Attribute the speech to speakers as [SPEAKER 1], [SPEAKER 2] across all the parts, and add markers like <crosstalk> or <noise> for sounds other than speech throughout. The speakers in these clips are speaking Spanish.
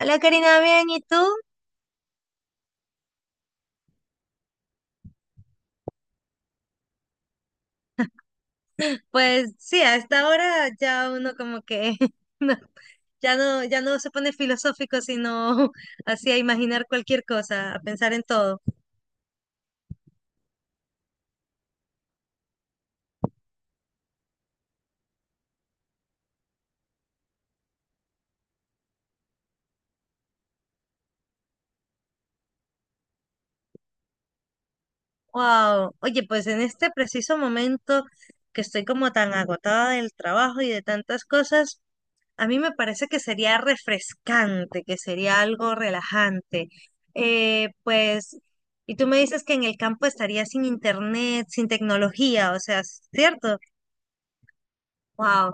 [SPEAKER 1] Hola Karina, bien, ¿y tú? Pues sí, a esta hora ya uno como que <laughs> no, ya no, ya no se pone filosófico, sino <laughs> así a imaginar cualquier cosa, a pensar en todo. Wow, oye, pues en este preciso momento que estoy como tan agotada del trabajo y de tantas cosas, a mí me parece que sería refrescante, que sería algo relajante. Eh, pues, y tú me dices que en el campo estaría sin internet, sin tecnología, o sea, ¿cierto? Wow,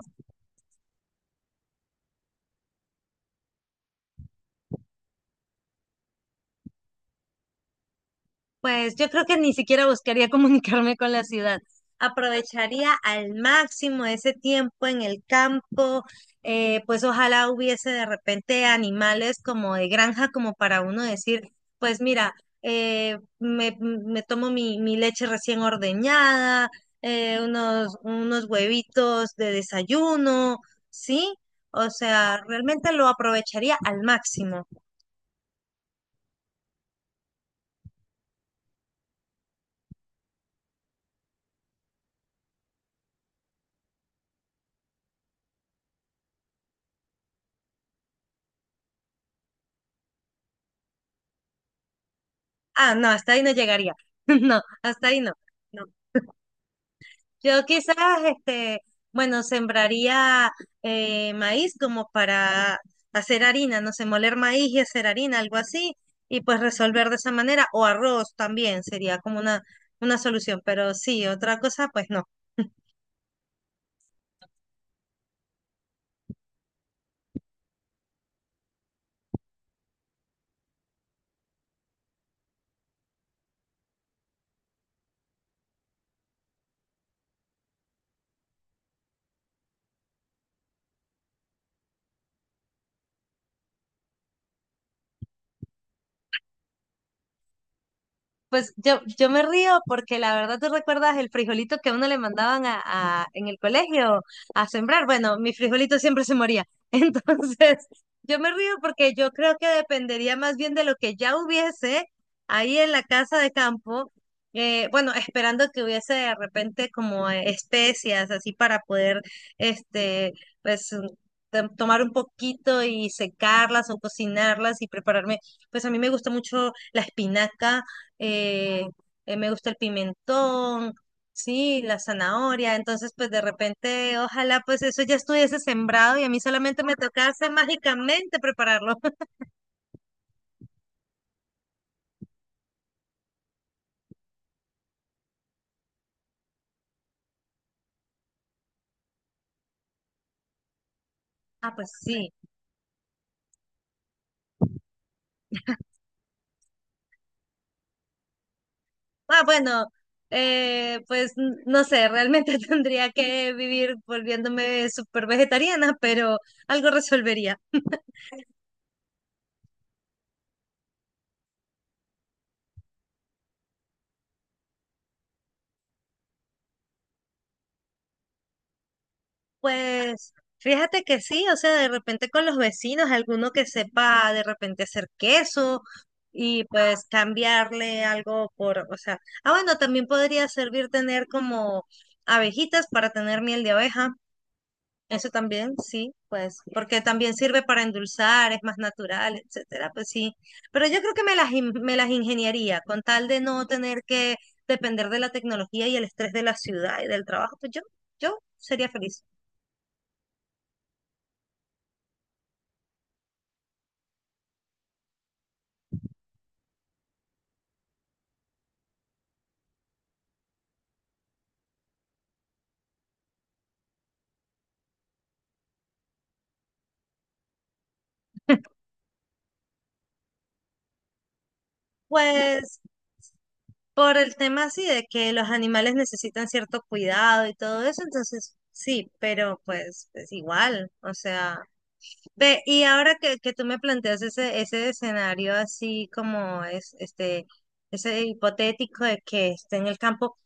[SPEAKER 1] pues yo creo que ni siquiera buscaría <laughs> comunicarme con la ciudad. Aprovecharía al máximo ese tiempo en el campo. Pues ojalá hubiese de repente animales como de granja, como para uno decir, pues mira, me tomo mi leche recién ordeñada, unos huevitos de desayuno, ¿sí? O sea, realmente lo aprovecharía al máximo. Ah, no, hasta ahí no llegaría. <laughs> No, hasta ahí no. No. Yo quizás, este, bueno, sembraría maíz como para hacer harina, no sé, moler maíz y hacer harina, algo así, y pues resolver de esa manera, o arroz también sería como una solución, pero sí, otra cosa, pues no. Pues yo me río porque la verdad tú recuerdas el frijolito que a uno le mandaban en el colegio a sembrar. Bueno, mi frijolito siempre se moría. <laughs> Entonces, yo me río porque yo creo que dependería más bien de lo que ya hubiese ahí en la casa de campo. Bueno, esperando que hubiese de repente como especias así para poder, este, pues tomar un poquito y secarlas o cocinarlas y prepararme. Pues a mí me gusta mucho la espinaca, eh, me gusta el pimentón, sí, la zanahoria, entonces pues de repente ojalá pues eso ya estuviese sembrado y a mí solamente me tocase mágicamente prepararlo. <laughs> Ah, pues sí. Ah, bueno, pues no sé, realmente <laughs> tendría que vivir volviéndome súper vegetariana, pero algo resolvería. Pues fíjate que sí, o sea, de repente con los vecinos, alguno que sepa de repente hacer queso y pues cambiarle algo por, o sea, ah, bueno, también podría servir tener como abejitas para tener miel de abeja, eso también, sí, pues, porque también sirve para endulzar, es más natural, etcétera, pues sí, pero yo creo que me las ingeniaría con tal de no tener que depender de la tecnología y el estrés de la ciudad y del trabajo, pues yo sería feliz. Pues por el tema así de que los animales necesitan cierto cuidado y todo eso, entonces sí, pero pues es igual, o sea, ve, y ahora que tú me planteas ese, ese escenario así como es, este, ese hipotético de que esté en el campo.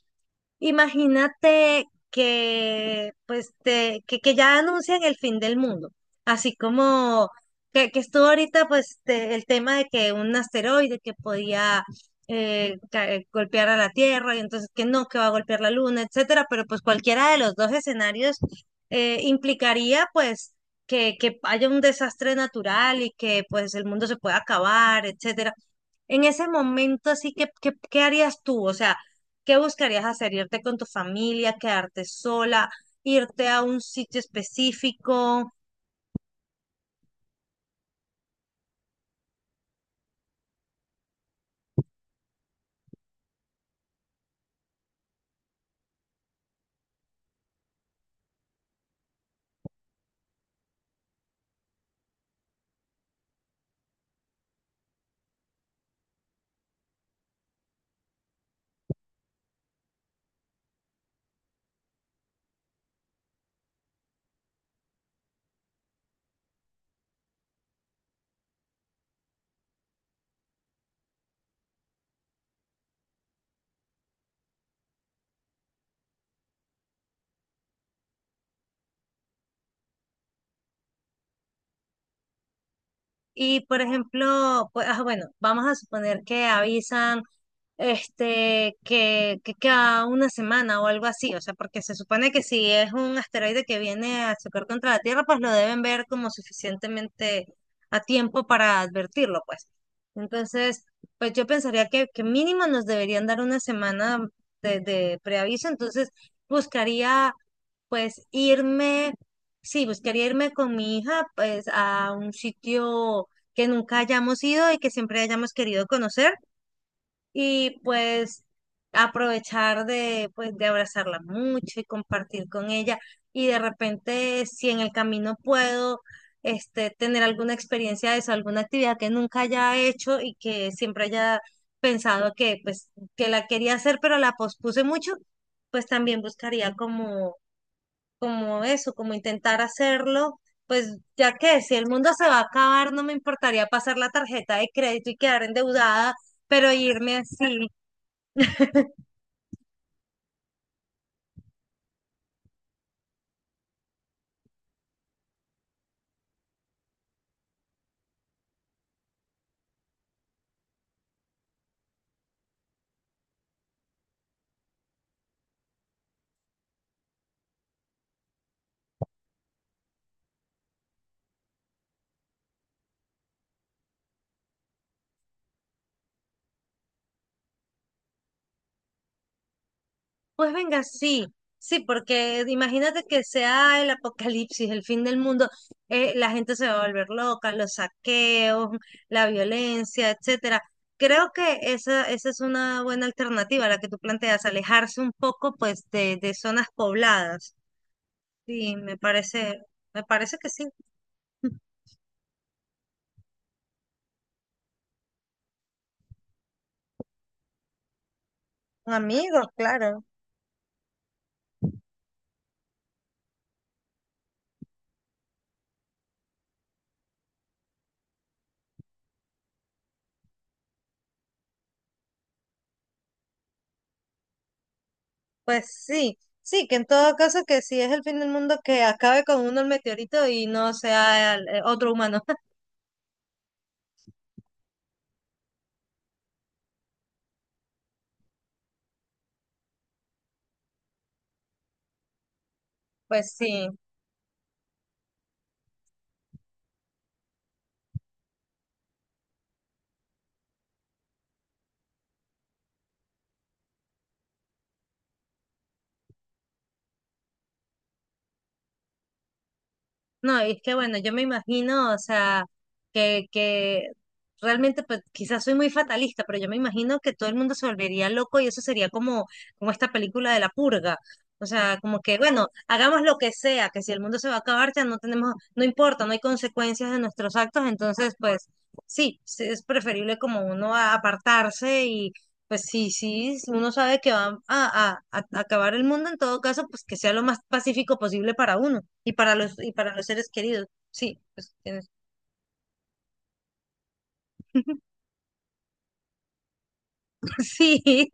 [SPEAKER 1] Imagínate que, pues, que ya anuncian el fin del mundo, así como que estuvo ahorita, pues, el tema de que un asteroide que podía golpear a la Tierra, y entonces que no, que va a golpear la Luna, etcétera, pero pues cualquiera de los dos escenarios implicaría, pues, que haya un desastre natural y que, pues, el mundo se pueda acabar, etcétera. En ese momento, así que, ¿qué harías tú? O sea, ¿qué buscarías hacer? ¿Irte con tu familia, quedarte sola, irte a un sitio específico? Y, por ejemplo, pues, ah, bueno, vamos a suponer que avisan, este, que cada una semana o algo así, o sea, porque se supone que si es un asteroide que viene a chocar contra la Tierra, pues lo deben ver como suficientemente a tiempo para advertirlo, pues. Entonces, pues yo pensaría que mínimo nos deberían dar una semana de preaviso, entonces buscaría pues irme, sí, buscaría irme con mi hija pues a un sitio que nunca hayamos ido y que siempre hayamos querido conocer y pues aprovechar de, pues, de abrazarla mucho y compartir con ella. Y de repente, si en el camino puedo, este, tener alguna experiencia de eso, alguna actividad que nunca haya hecho y que siempre haya pensado que, pues, que la quería hacer, pero la pospuse mucho, pues también buscaría como, como eso, como intentar hacerlo. Pues ya que si el mundo se va a acabar, no me importaría pasar la tarjeta de crédito y quedar endeudada, pero irme así. Pues venga, sí, sí, porque imagínate que sea el apocalipsis, el fin del mundo, la gente se va a volver loca, los saqueos, la violencia, etcétera. Creo que esa es una buena alternativa, la que tú planteas, alejarse un poco, pues, de zonas pobladas. Sí, me parece que sí. Con amigos, claro. Pues sí, sí, que en todo caso que si es el fin del mundo, que acabe con uno el meteorito y no sea otro humano. <laughs> Pues sí. No, y es que bueno, yo me imagino, o sea, que realmente pues, quizás soy muy fatalista, pero yo me imagino que todo el mundo se volvería loco y eso sería como, como esta película de la purga. O sea, como que, bueno, hagamos lo que sea, que si el mundo se va a acabar, ya no tenemos, no importa, no hay consecuencias de nuestros actos, entonces pues sí, sí, es preferible como uno apartarse, pues sí, sí, si uno sabe que va a, a acabar el mundo, en todo caso, pues que sea lo más pacífico posible para uno y para los seres queridos. Sí, pues tienes- <laughs> sí,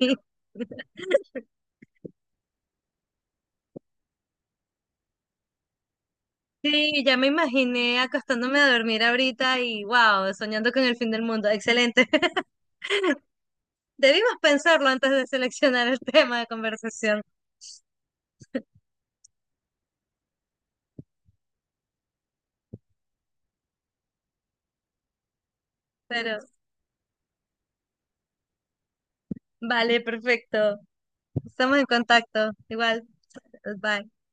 [SPEAKER 1] sí, ya me imaginé acostándome a dormir ahorita y wow, soñando con el fin del mundo. Excelente. <laughs> Debimos pensarlo antes de seleccionar el <laughs> tema de conversación, pero vale, perfecto. Estamos en contacto. Igual, bye.